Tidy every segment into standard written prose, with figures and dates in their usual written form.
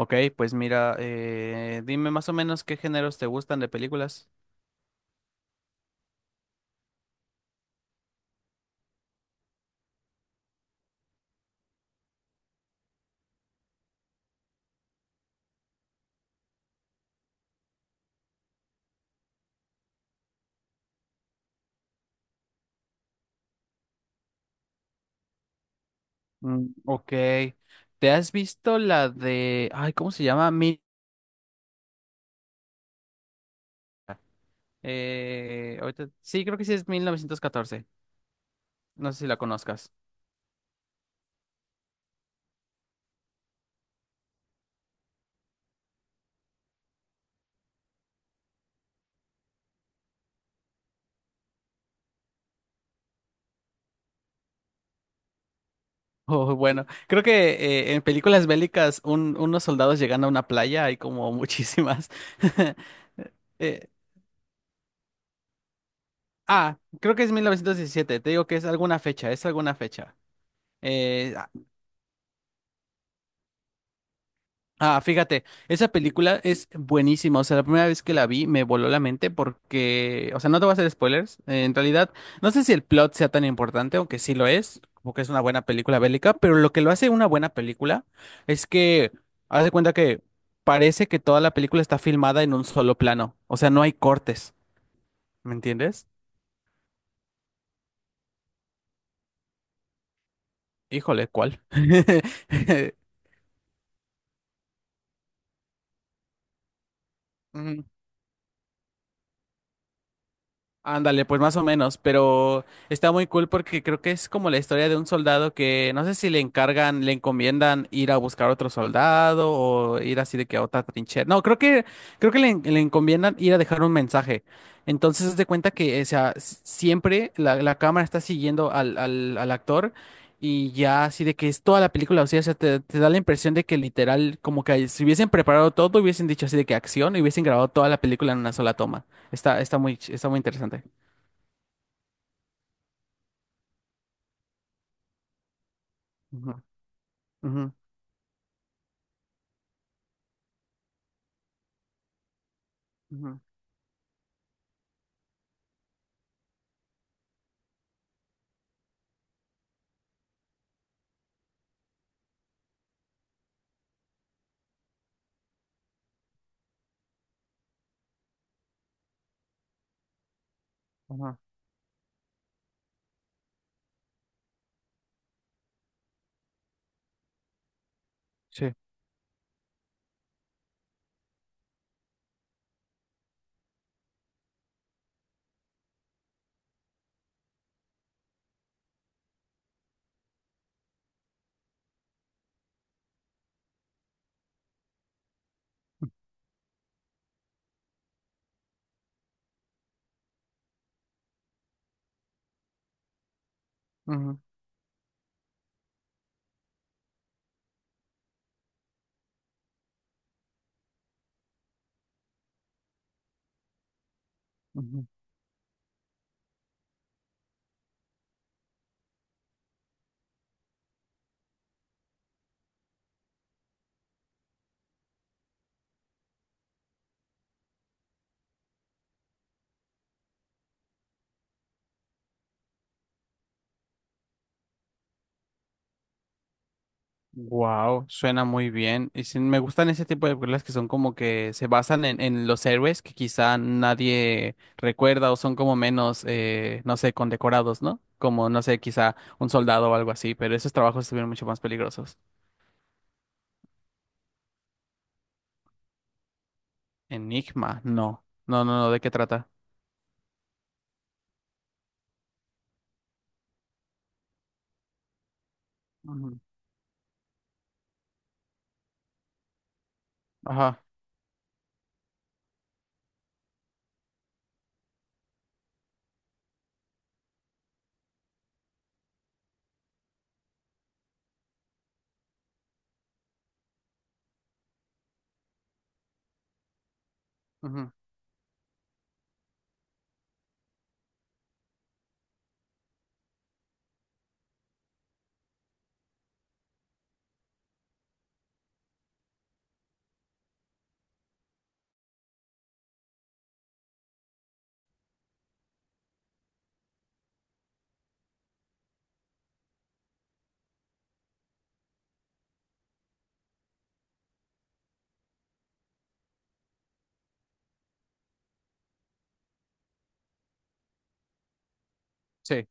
Ok, pues mira, dime más o menos qué géneros te gustan de películas. Mm, ok, ¿te has visto la de... Ay, ¿cómo se llama? Sí, creo que sí es 1914. No sé si la conozcas. Oh, bueno, creo que en películas bélicas unos soldados llegando a una playa hay como muchísimas. Eh, Creo que es 1917. Te digo que es alguna fecha, es alguna fecha. Eh, Fíjate, esa película es buenísima. O sea, la primera vez que la vi me voló la mente porque, o sea, no te voy a hacer spoilers. En realidad, no sé si el plot sea tan importante, aunque sí lo es, porque es una buena película bélica, pero lo que lo hace una buena película es que, haz de cuenta que parece que toda la película está filmada en un solo plano. O sea, no hay cortes, ¿me entiendes? Híjole, ¿cuál? Ujú. Ándale, pues más o menos, pero está muy cool porque creo que es como la historia de un soldado que no sé si le encargan, le encomiendan ir a buscar otro soldado o ir así de que a otra trinchera. No, creo que le encomiendan ir a dejar un mensaje. Entonces, haz de cuenta que, o sea, siempre la cámara está siguiendo al actor y ya así de que es toda la película, o sea, te da la impresión de que literal como que si hubiesen preparado todo, hubiesen dicho así de que acción y hubiesen grabado toda la película en una sola toma. Está muy interesante. Ujú, ujú, ujú, ujú, sí. Wow, suena muy bien. Y sí, me gustan ese tipo de películas que son como que se basan en los héroes que quizá nadie recuerda o son como menos, no sé, condecorados, ¿no? Como, no sé, quizá un soldado o algo así, pero esos trabajos estuvieron mucho más peligrosos. Enigma, no. No, no, no, ¿de qué trata? Ujú, ajá. Ujú, sí.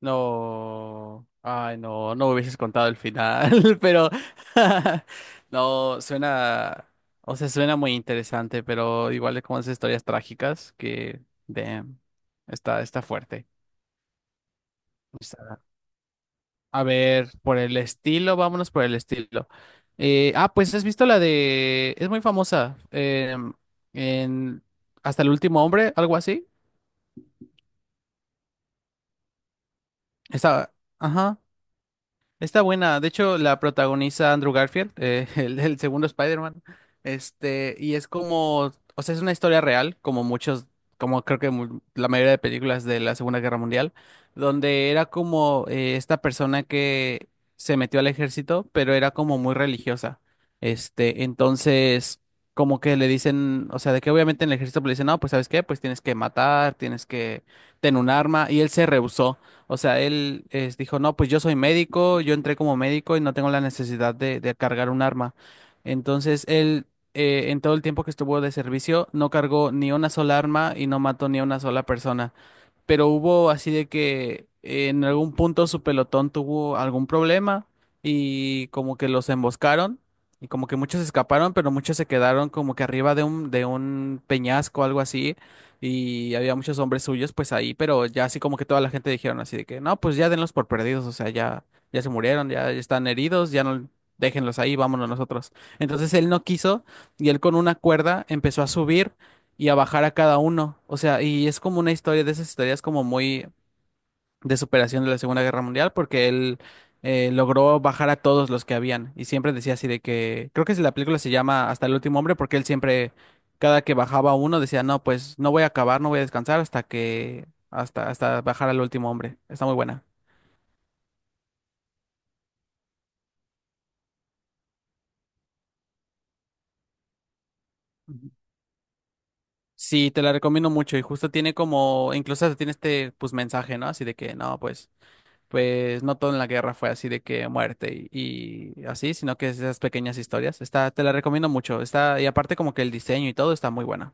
No, ay, no, no me hubieses contado el final, pero no, suena, o sea, suena muy interesante, pero igual es como esas historias trágicas que, damn, está fuerte. Está- A ver, por el estilo, vámonos por el estilo. Pues has visto la de, es muy famosa, em, en Hasta el último hombre, algo así. Está, ajá. Está buena, de hecho la protagoniza Andrew Garfield, el segundo Spider-Man, este, y es como, o sea, es una historia real, como muchos, como creo que la mayoría de películas de la Segunda Guerra Mundial, donde era como esta persona que se metió al ejército, pero era como muy religiosa, este, entonces, como que le dicen, o sea, de que obviamente en el ejército le dicen, no, pues ¿sabes qué? Pues tienes que matar, tienes que tener un arma, y él se rehusó. O sea, dijo, no, pues yo soy médico, yo entré como médico y no tengo la necesidad de cargar un arma. Entonces, él, en todo el tiempo que estuvo de servicio, no cargó ni una sola arma y no mató ni a una sola persona, pero hubo así de que en algún punto su pelotón tuvo algún problema y como que los emboscaron y como que muchos escaparon, pero muchos se quedaron como que arriba de de un peñasco o algo así y había muchos hombres suyos pues ahí, pero ya así como que toda la gente dijeron así de que no, pues ya denlos por perdidos, o sea, ya, ya se murieron, ya están heridos, ya no... Déjenlos ahí, vámonos nosotros. Entonces él no quiso y él con una cuerda empezó a subir y a bajar a cada uno. O sea, y es como una historia de esas historias como muy de superación de la Segunda Guerra Mundial, porque él logró bajar a todos los que habían. Y siempre decía así de que, creo que si la película se llama Hasta el último hombre, porque él siempre, cada que bajaba uno, decía, no, pues no voy a acabar, no voy a descansar hasta que, hasta, hasta bajar al último hombre. Está muy buena. Ujú. Sí, te la recomiendo mucho y justo tiene como, incluso hasta tiene este pues mensaje, ¿no? Así de que no, pues pues no todo en la guerra fue así de que muerte y así, sino que esas pequeñas historias. Está, te la recomiendo mucho. Está, y aparte como que el diseño y todo está muy buena.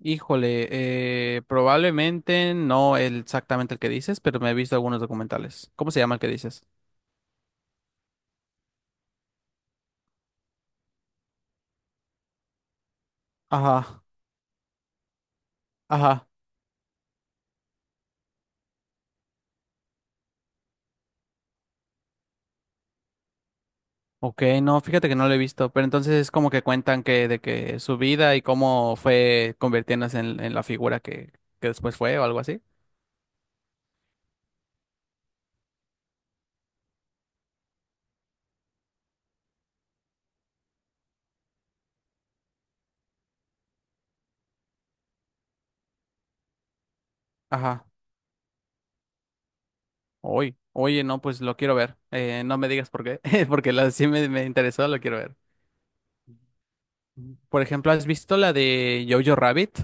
Híjole, probablemente no exactamente el que dices, pero me he visto algunos documentales. ¿Cómo se llama el que dices? Ajá, ajá. Ok, no, fíjate que no lo he visto, pero entonces es como que cuentan que de que su vida y cómo fue convirtiéndose en la figura que después fue o algo así. Ajá. Oye, oye, no, pues lo quiero ver. No me digas por qué, porque la sí me interesó, lo quiero ver. Por ejemplo, ¿has visto la de Jojo Rabbit?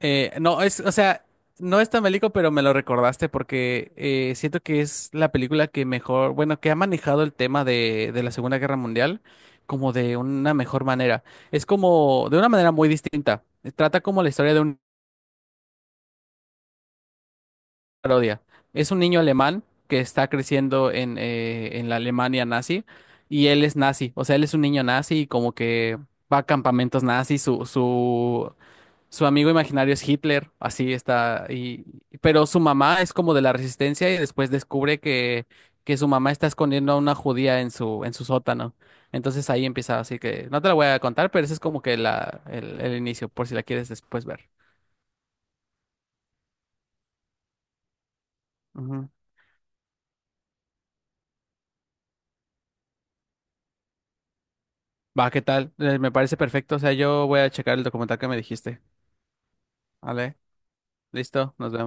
No, es, o sea, no es tan bélico, pero me lo recordaste porque siento que es la película que mejor, bueno, que ha manejado el tema de la Segunda Guerra Mundial como de una mejor manera. Es como, de una manera muy distinta. Trata como la historia de una parodia. Es un niño alemán que está creciendo en la Alemania nazi y él es nazi, o sea, él es un niño nazi y como que va a campamentos nazis, Su amigo imaginario es Hitler, así está. Y, pero su mamá es como de la resistencia y después descubre que su mamá está escondiendo a una judía en en su sótano. Entonces ahí empieza, así que no te la voy a contar, pero ese es como que el inicio, por si la quieres después ver. Ujú. Va, ¿qué tal? Me parece perfecto. O sea, yo voy a checar el documental que me dijiste. ¿Vale? Listo, nos vemos.